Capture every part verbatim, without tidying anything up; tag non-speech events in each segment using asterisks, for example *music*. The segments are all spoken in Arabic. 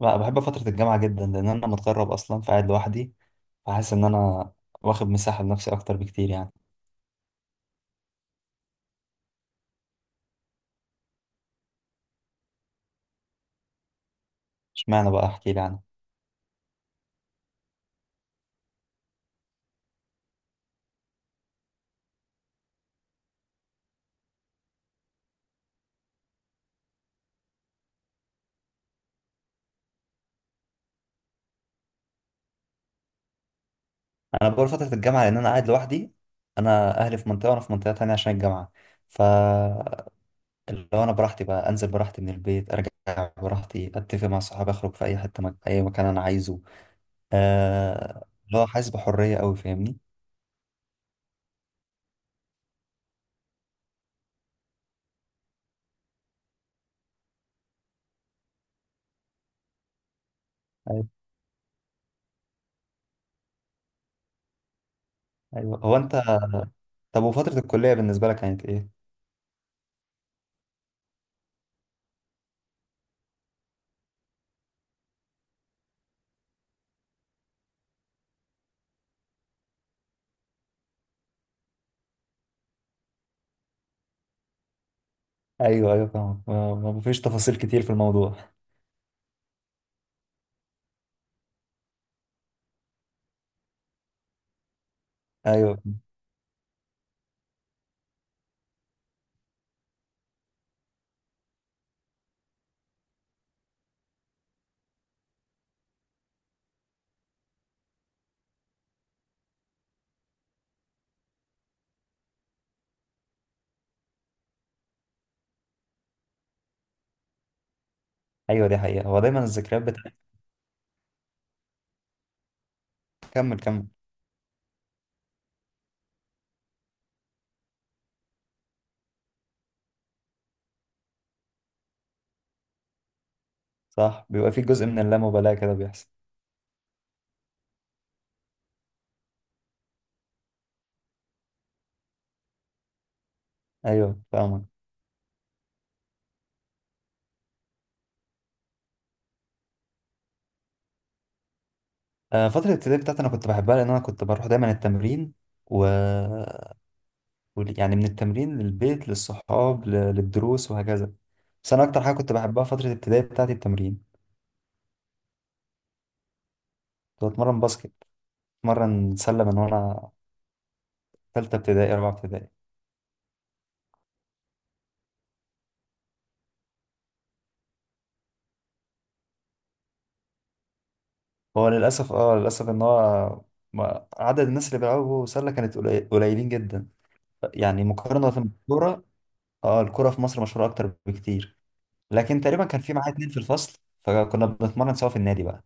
لا، بحب فترة الجامعة جدا لأن أنا متغرب أصلا فقاعد لوحدي، فحاسس إن أنا واخد مساحة لنفسي أكتر بكتير يعني. اشمعنى بقى؟ أحكي لي عنها. أنا بقول فترة الجامعة لأن أنا قاعد لوحدي. أنا أهلي في منطقة وأنا في منطقة تانية عشان الجامعة. ف اللي هو أنا براحتي بقى أنزل براحتي من البيت، أرجع براحتي، أتفق مع صحابي، أخرج في أي حتة مك... أي مكان أنا عايزه. آه... اللي هو حاسس بحرية أوي، فاهمني؟ أيوه، أيوه، هو أنت. طب وفترة الكلية بالنسبة لك كانت إيه؟ أيوه، أيوه، فاهم. ما ما فيش تفاصيل كتير في الموضوع. ايوه، ايوه، دي حقيقة. هو دايما الذكريات بتاعتك. كمل، كمل. صح، بيبقى في جزء من اللامبالاة كده بيحصل. ايوه، فاهمك. آه، فترة الابتدائي بتاعتي انا كنت بحبها لان انا كنت بروح دايما التمرين و وال- يعني من التمرين للبيت للصحاب ل- للدروس وهكذا. بس انا اكتر حاجة كنت بحبها فترة الابتدائي بتاعتي التمرين. كنت بتمرن باسكت، بتمرن سلة من وانا تالتة ابتدائي، رابعة ابتدائي. هو للاسف اه للاسف ان هو ما- عدد الناس اللي بيلعبوا سلة كانت قليل- قليلين جدا. يعني مقارنة بالكورة. اه، الكرة في مصر مشهورة أكتر بكتير. لكن تقريبا كان في معايا اتنين في الفصل، فكنا بنتمرن سوا في النادي بقى.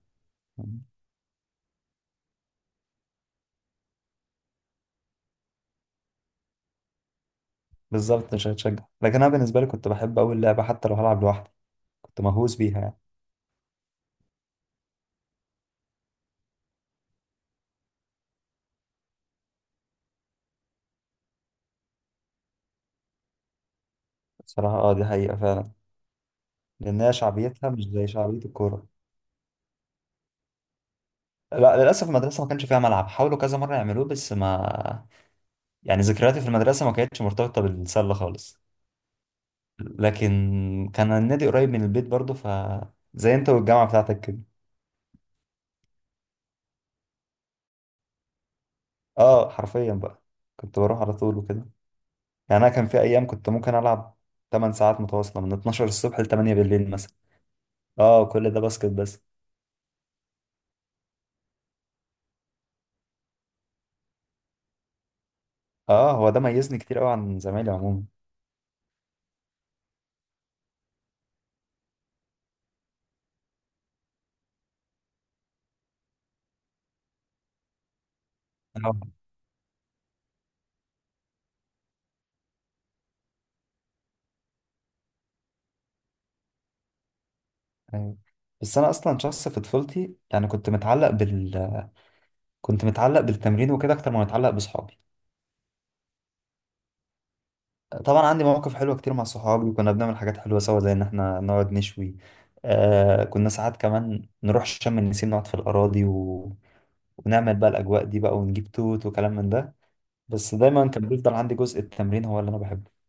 بالظبط، مش هتشجع، لكن أنا بالنسبة لي كنت بحب أوي اللعبة حتى لو هلعب لوحدي. كنت مهووس بيها يعني. بصراحة، اه دي حقيقة فعلا. لأن هي شعبيتها مش زي شعبية الكورة. لا، للأسف المدرسة ما كانش فيها ملعب، حاولوا كذا مرة يعملوه بس ما يعني ذكرياتي في المدرسة ما كانتش مرتبطة بالسلة خالص. لكن كان النادي قريب من البيت برضه، ف زي انت والجامعة بتاعتك كده. اه، حرفيا بقى كنت بروح على طول وكده. يعني انا كان في ايام كنت ممكن العب 8 ساعات متواصله من 12 الصبح ل 8 بالليل مثلا. اه، كل ده باسكت بس. اه، هو ده ميزني كتير قوي عن زمايلي عموما. اه، أيوة. بس انا اصلا شخص في طفولتي يعني كنت متعلق بال كنت متعلق بالتمرين وكده اكتر ما متعلق باصحابي. طبعا عندي مواقف حلوه كتير مع صحابي، وكنا بنعمل حاجات حلوه سوا زي ان احنا نقعد نشوي. آه كنا ساعات كمان نروح شم النسيم نقعد في الاراضي، و... ونعمل بقى الاجواء دي بقى، ونجيب توت وكلام من ده. بس دايما كان بيفضل عندي جزء التمرين هو اللي انا بحبه.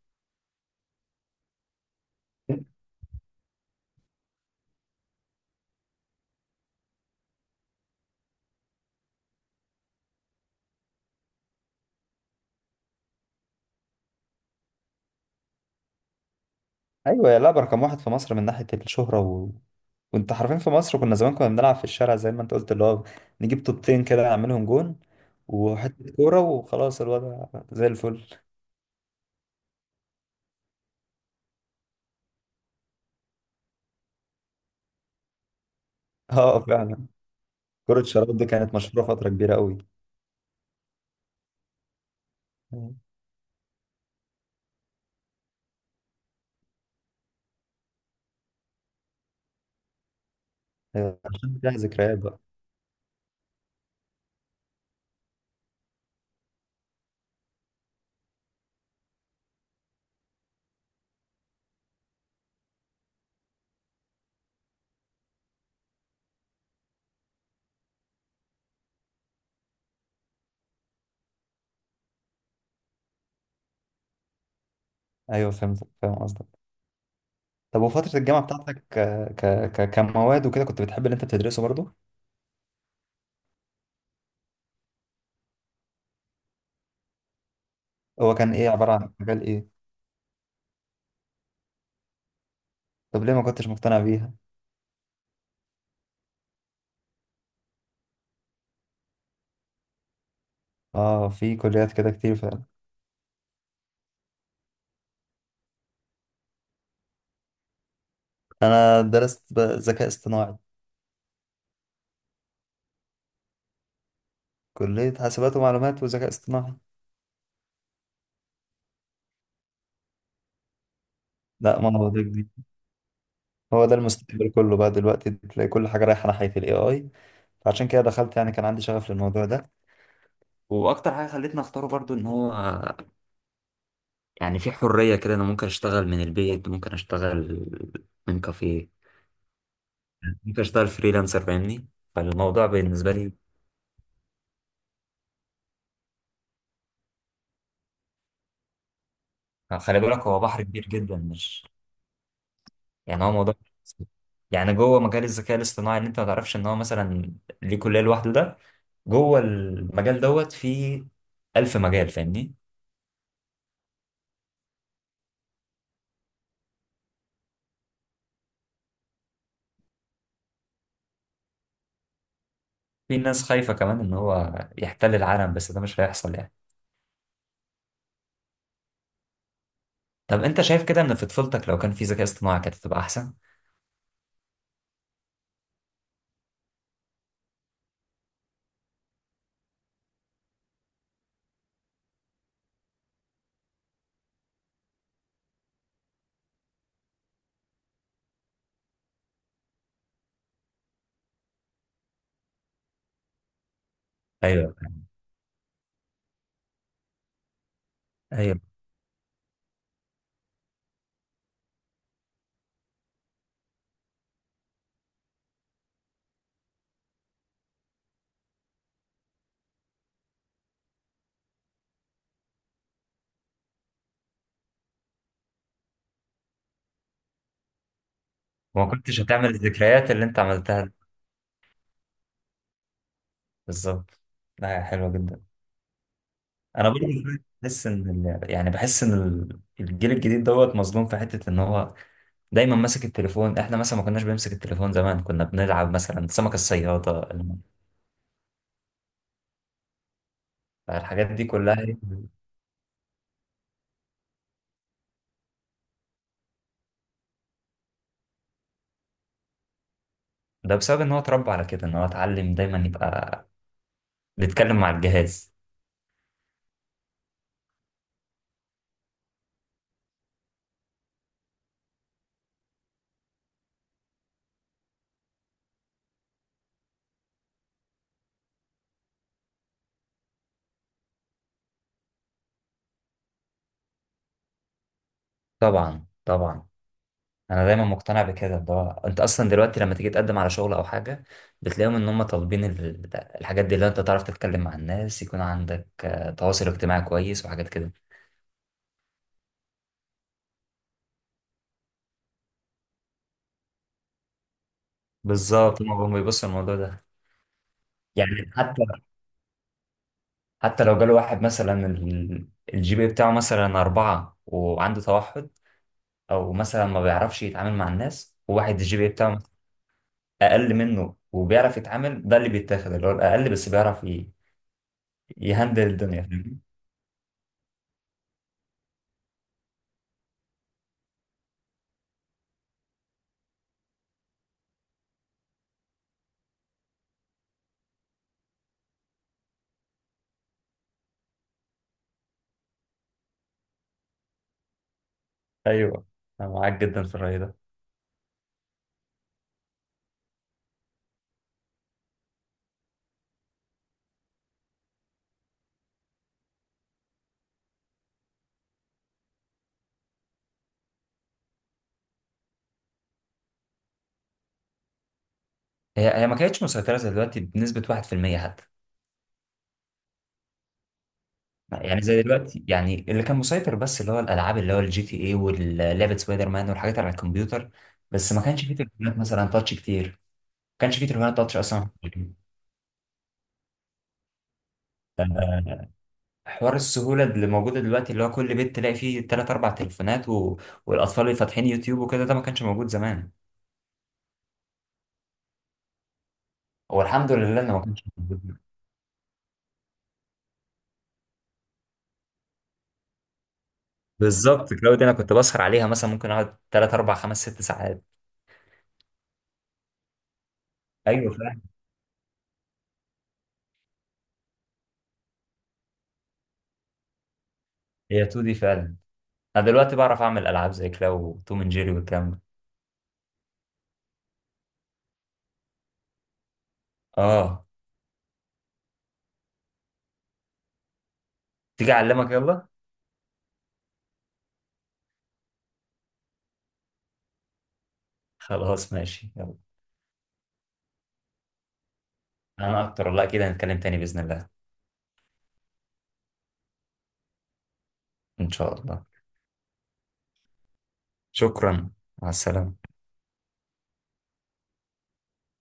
ايوه، يا لعبه رقم واحد في مصر من ناحيه الشهره، و... وانت حرفيا في مصر، كنا زمان كنا بنلعب في الشارع زي ما انت قلت، اللي هو نجيب طوبتين كده نعملهم جون، وحته كوره وخلاص، الوضع زي الفل. *laughs* اه، فعلا. كره الشراب دي كانت مشهوره فتره كبيره قوي. مم. ايوه، عشان فيها ذكريات بقى. ايوه، فهمت، فاهم قصدك. طب وفتره الجامعه بتاعتك، ك... ك... ك... كمواد وكده كنت بتحب اللي انت بتدرسه برضه؟ هو كان ايه، عباره عن مجال ايه؟ طب ليه ما كنتش مقتنع بيها؟ اه، في كليات كده كتير فعلا. انا درست ب- ذكاء اصطناعي. كلية حاسبات ومعلومات وذكاء اصطناعي. لا، ما هو ده جديد. هو ده المستقبل كله، بقى دلوقتي تلاقي كل حاجة رايحة ناحية الاي اي. فعشان كده دخلت، يعني كان عندي شغف للموضوع ده. واكتر حاجه خلتني اختاره برضو ان هو يعني في حريه كده، انا ممكن اشتغل من البيت، ممكن اشتغل من كافيه. ممكن اشتغل فريلانسر، فاهمني، فالموضوع بالنسبه لي. خلي بالك هو بحر كبير جدا، مش يعني. هو موضوع يعني، جوه مجال الذكاء الاصطناعي اللي انت ما تعرفش ان هو مثلا ليه كلية لوحده ده. جوه المجال دوت في ألف مجال، فاهمني. في ناس خايفة كمان ان هو يحتل العالم، بس ده مش هيحصل يعني. طب انت شايف كده ان في طفولتك لو كان في ذكاء اصطناعي كانت هتبقى احسن؟ ايوه، ايوه، وما كنتش هتعمل الذكريات اللي انت عملتها دي. بالظبط. لا، يا حلوة جدا. انا برضه بحس ان ال- يعني بحس ان ال- الجيل الجديد دوت مظلوم في حتة ان هو دايما ماسك التليفون. احنا مثلا ما كناش بنمسك التليفون. زمان كنا بنلعب مثلا سمك الصيادة، الم- الحاجات دي كلها. ده بسبب ان هو اتربى على كده، ان هو اتعلم دايما يبقى بيتكلم مع الجهاز. طبعا، طبعا. انا دايما مقتنع بكده، ده انت اصلا دلوقتي لما تيجي تقدم على شغل او حاجة بتلاقيهم ان هم طالبين ال- الحاجات دي، اللي انت تعرف تتكلم مع الناس، يكون عندك آه، تواصل اجتماعي كويس وحاجات كده. بالظبط، هم بيبصوا الموضوع ده. يعني حتى حتى لو جاله واحد مثلا الجي بي إيه بتاعه مثلا أربعة وعنده توحد. أو مثلا ما بيعرفش يتعامل مع الناس، وواحد الجي بي إيه بتاعه أقل منه وبيعرف يتعامل، ده اللي بيتاخد، اللي هو الأقل بس بيعرف ي- يهندل الدنيا، فاهمني؟ أيوه، أنا معاك جدا في الرأي ده. هي هي ما كانتش مسيطرة زي دلوقتي بنسبة واحد في المية حتى. يعني زي دلوقتي، يعني اللي كان مسيطر بس اللي هو الألعاب، اللي هو الجي تي إيه واللعبة سبايدر مان والحاجات على الكمبيوتر. بس ما كانش فيه تليفونات مثلا تاتش كتير، ما كانش فيه تليفونات تاتش أصلا. آه، حوار السهولة اللي موجودة دلوقتي اللي هو كل بيت تلاقي فيه تلات أربع تليفونات، و... والأطفال اللي فاتحين يوتيوب وكده ده ما كانش موجود زمان. هو الحمد لله إنه ما كانش موجود. بالظبط، كلاود دي أنا كنت بسهر عليها، مثلا ممكن أقعد تلات أربع خمس ست ساعات. أيوه، فعلا. هي اتنين دي فعلا. أنا دلوقتي بعرف أعمل ألعاب زي كلاو وتوم أند جيري والكلام ده. آه. تيجي أعلمك يلا. خلاص، ماشي، يلا. أنا أكتر والله، كده هنتكلم تاني بإذن الله. إن شاء الله. شكرا. مع السلامة.